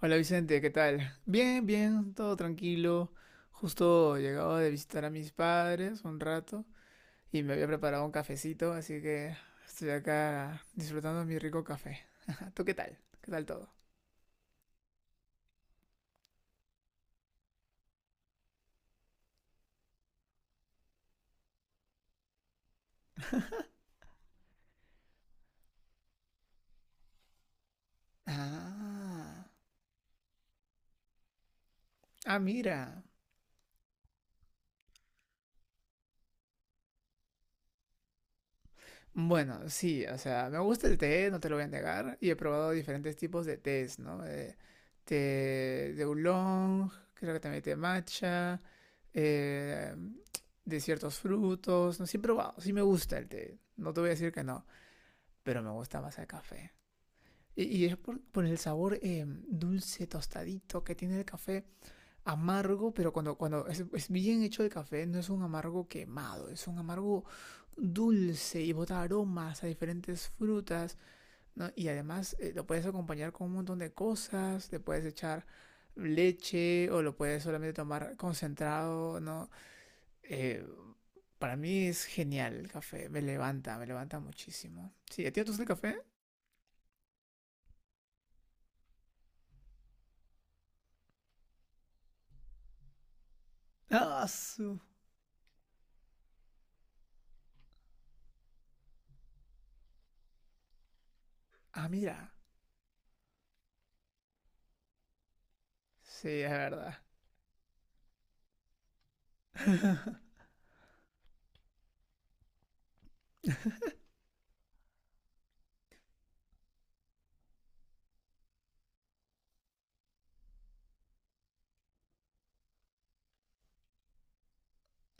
Hola Vicente, ¿qué tal? Bien, bien, todo tranquilo. Justo llegaba de visitar a mis padres un rato y me había preparado un cafecito, así que estoy acá disfrutando mi rico café. ¿Tú qué tal? ¿Qué tal todo? Ah, ah, mira. Bueno, sí, o sea, me gusta el té, no te lo voy a negar, y he probado diferentes tipos de tés, ¿no? Té de oolong, creo que también té matcha, eh, de ciertos frutos. No, sé, sí he probado, sí me gusta el té. No te voy a decir que no, pero me gusta más el café. Y es por el sabor dulce, tostadito que tiene el café. Amargo, pero cuando es bien hecho el café, no es un amargo quemado, es un amargo dulce y bota aromas a diferentes frutas, ¿no? Y además lo puedes acompañar con un montón de cosas, le puedes echar leche o lo puedes solamente tomar concentrado, ¿no? Eh, para mí es genial el café, me levanta muchísimo. Sí, ¿a ti no te gusta el café? Ah, su. Ah, mira. Sí, es verdad.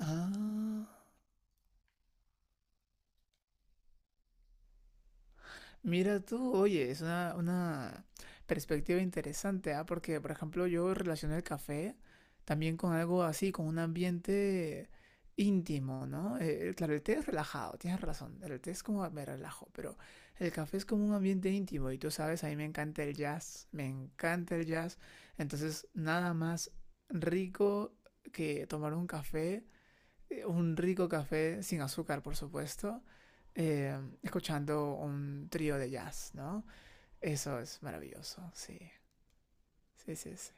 Ah. Mira tú, oye, es una perspectiva interesante, ¿ah? Porque, por ejemplo, yo relacioné el café también con algo así, con un ambiente íntimo, ¿no? Claro, el té es relajado, tienes razón, el té es como me relajo, pero el café es como un ambiente íntimo y tú sabes, a mí me encanta el jazz, me encanta el jazz, entonces nada más rico que tomar un café un rico café sin azúcar, por supuesto, escuchando un trío de jazz, ¿no? Eso es maravilloso, sí, sí, sí, sí.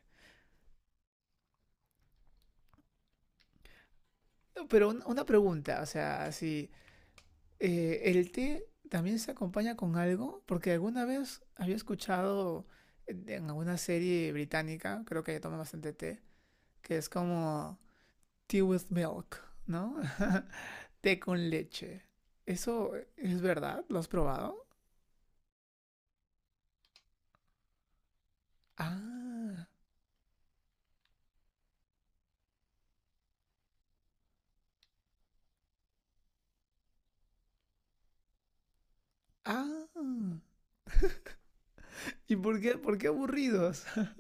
No, pero una pregunta, o sea, si el té también se acompaña con algo, porque alguna vez había escuchado en alguna serie británica, creo que toman bastante té, que es como tea with milk, ¿no? Té con leche. ¿Eso es verdad? ¿Lo has probado? Ah, Ah, ¿y por qué aburridos?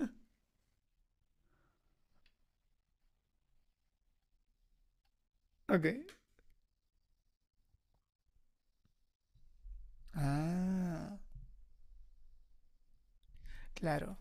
Ok. Ah, claro.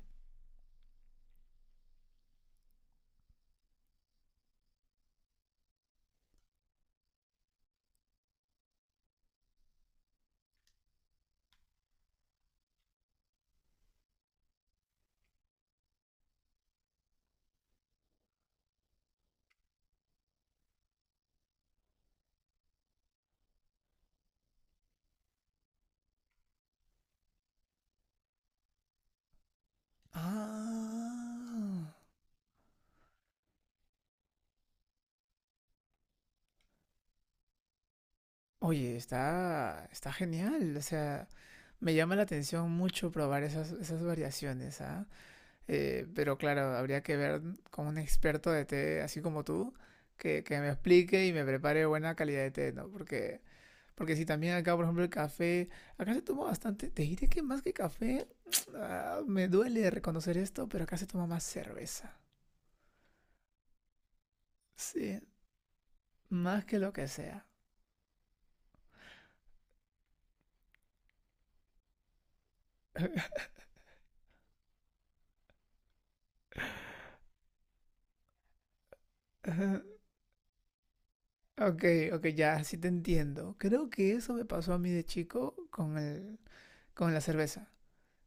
Ah. Oye, está, está genial. O sea, me llama la atención mucho probar esas, esas variaciones, ¿ah? Pero claro, habría que ver con un experto de té, así como tú, que me explique y me prepare buena calidad de té, ¿no? Porque si también acá, por ejemplo, el café, acá se toma bastante, te diré que más que café, ah, me duele reconocer esto, pero acá se toma más cerveza. Sí, más que lo que sea. Ok, ok, ya, sí te entiendo. Creo que eso me pasó a mí de chico con la cerveza.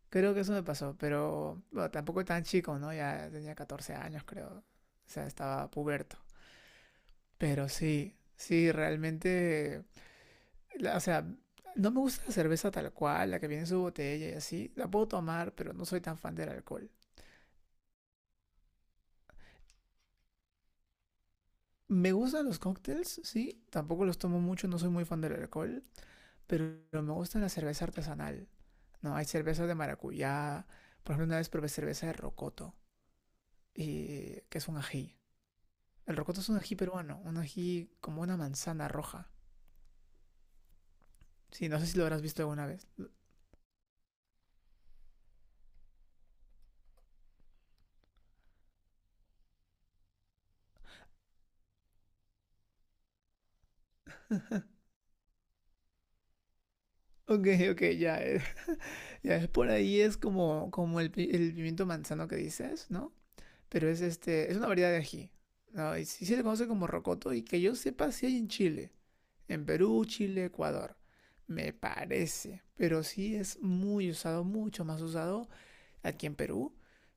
Creo que eso me pasó, pero bueno, tampoco tan chico, ¿no? Ya tenía 14 años, creo. O sea, estaba puberto. Pero sí, sí, realmente o sea, no me gusta la cerveza tal cual, la que viene en su botella y así. La puedo tomar, pero no soy tan fan del alcohol. Me gustan los cócteles, sí. Tampoco los tomo mucho, no soy muy fan del alcohol. Pero me gusta la cerveza artesanal. No, hay cerveza de maracuyá. Por ejemplo, una vez probé cerveza de rocoto, y, que es un ají. El rocoto es un ají peruano, un ají como una manzana roja. Sí, no sé si lo habrás visto alguna vez. Ok, ok, ya, ya es por ahí, es como, como el pimiento manzano que dices, ¿no? Pero es este, es una variedad de ají. ¿No? Y sí se le conoce como rocoto y que yo sepa si hay en Chile, en Perú, Chile, Ecuador. Me parece, pero sí es muy usado, mucho más usado aquí en Perú,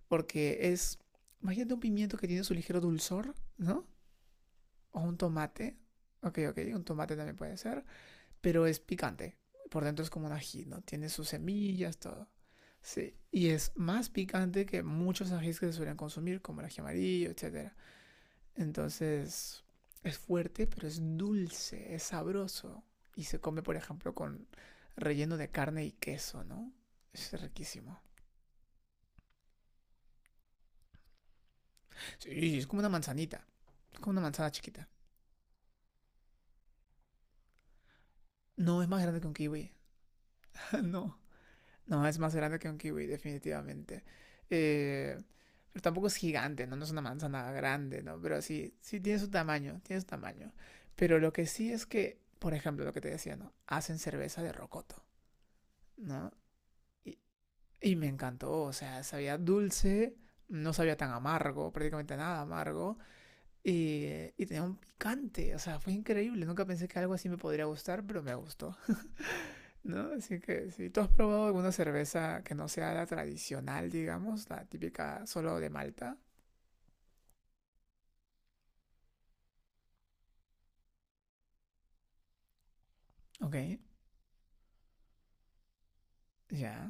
porque es, imagínate un pimiento que tiene su ligero dulzor, ¿no? O un tomate, ok, ok, un tomate también puede ser, pero es picante. Por dentro es como un ají, ¿no? Tiene sus semillas, todo. Sí, y es más picante que muchos ajís que se suelen consumir, como el ají amarillo, etcétera. Entonces es fuerte, pero es dulce, es sabroso. Y se come, por ejemplo, con relleno de carne y queso, ¿no? Es riquísimo. Sí, es como una manzanita. Es como una manzana chiquita. No, es más grande que un kiwi. no, no, es más grande que un kiwi, definitivamente. Eh, pero tampoco es gigante, ¿no? No es una manzana grande, ¿no? Pero sí, sí tiene su tamaño, tiene su tamaño. Pero lo que sí es que, por ejemplo, lo que te decía, ¿no? Hacen cerveza de rocoto, ¿no? Y Y me encantó, o sea, sabía dulce, no sabía tan amargo, prácticamente nada amargo, y, y tenía un picante, o sea, fue increíble, nunca pensé que algo así me podría gustar, pero me gustó, ¿no? Así que si tú has probado alguna cerveza que no sea la tradicional, digamos, la típica solo de Malta, ok, ya, yeah.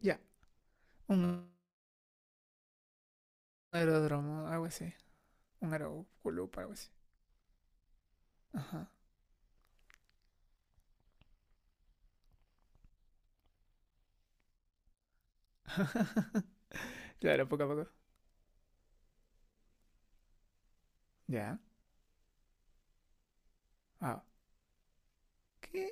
Ya, yeah. Un aeródromo, algo así, un aeroclub, algo así, ajá, claro, poco a poco, ya, yeah. Wow, ¿qué?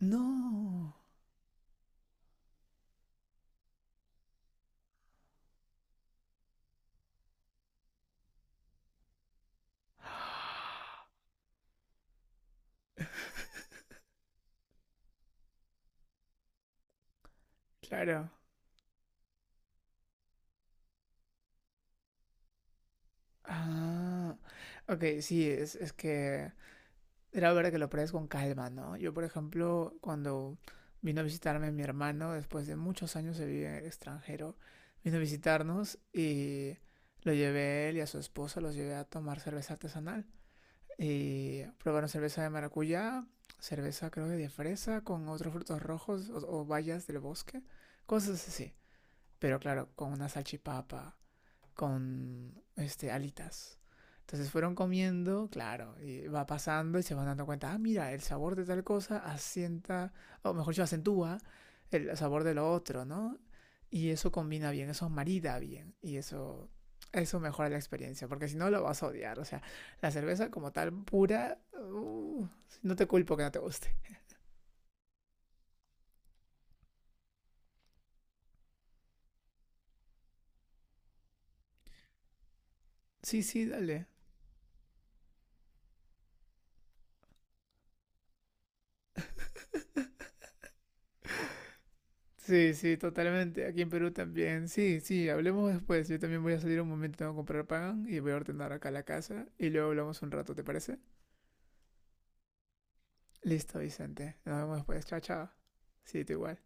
No. Claro. Ah, ok, sí, es que era verdad que lo pruebes con calma, ¿no? Yo, por ejemplo, cuando vino a visitarme mi hermano, después de muchos años de vivir en el extranjero, vino a visitarnos y lo llevé él y a su esposa, los llevé a tomar cerveza artesanal. Y probaron cerveza de maracuyá, cerveza creo que de fresa, con otros frutos rojos o bayas del bosque, cosas así. Pero claro, con una salchipapa con este, alitas. Entonces fueron comiendo, claro, y va pasando y se van dando cuenta, ah, mira, el sabor de tal cosa asienta, o mejor dicho, acentúa el sabor de lo otro, ¿no? Y eso combina bien, eso marida bien, y eso mejora la experiencia, porque si no lo vas a odiar, o sea, la cerveza como tal pura, no te culpo que no te guste. Sí, sí, dale, sí, sí, totalmente. Aquí en Perú también. Sí, sí, hablemos después. Yo también voy a salir un momento, tengo que comprar pan y voy a ordenar acá la casa y luego hablamos un rato, ¿te parece? Listo, Vicente. Nos vemos después. Chao, chao. Sí, tú igual.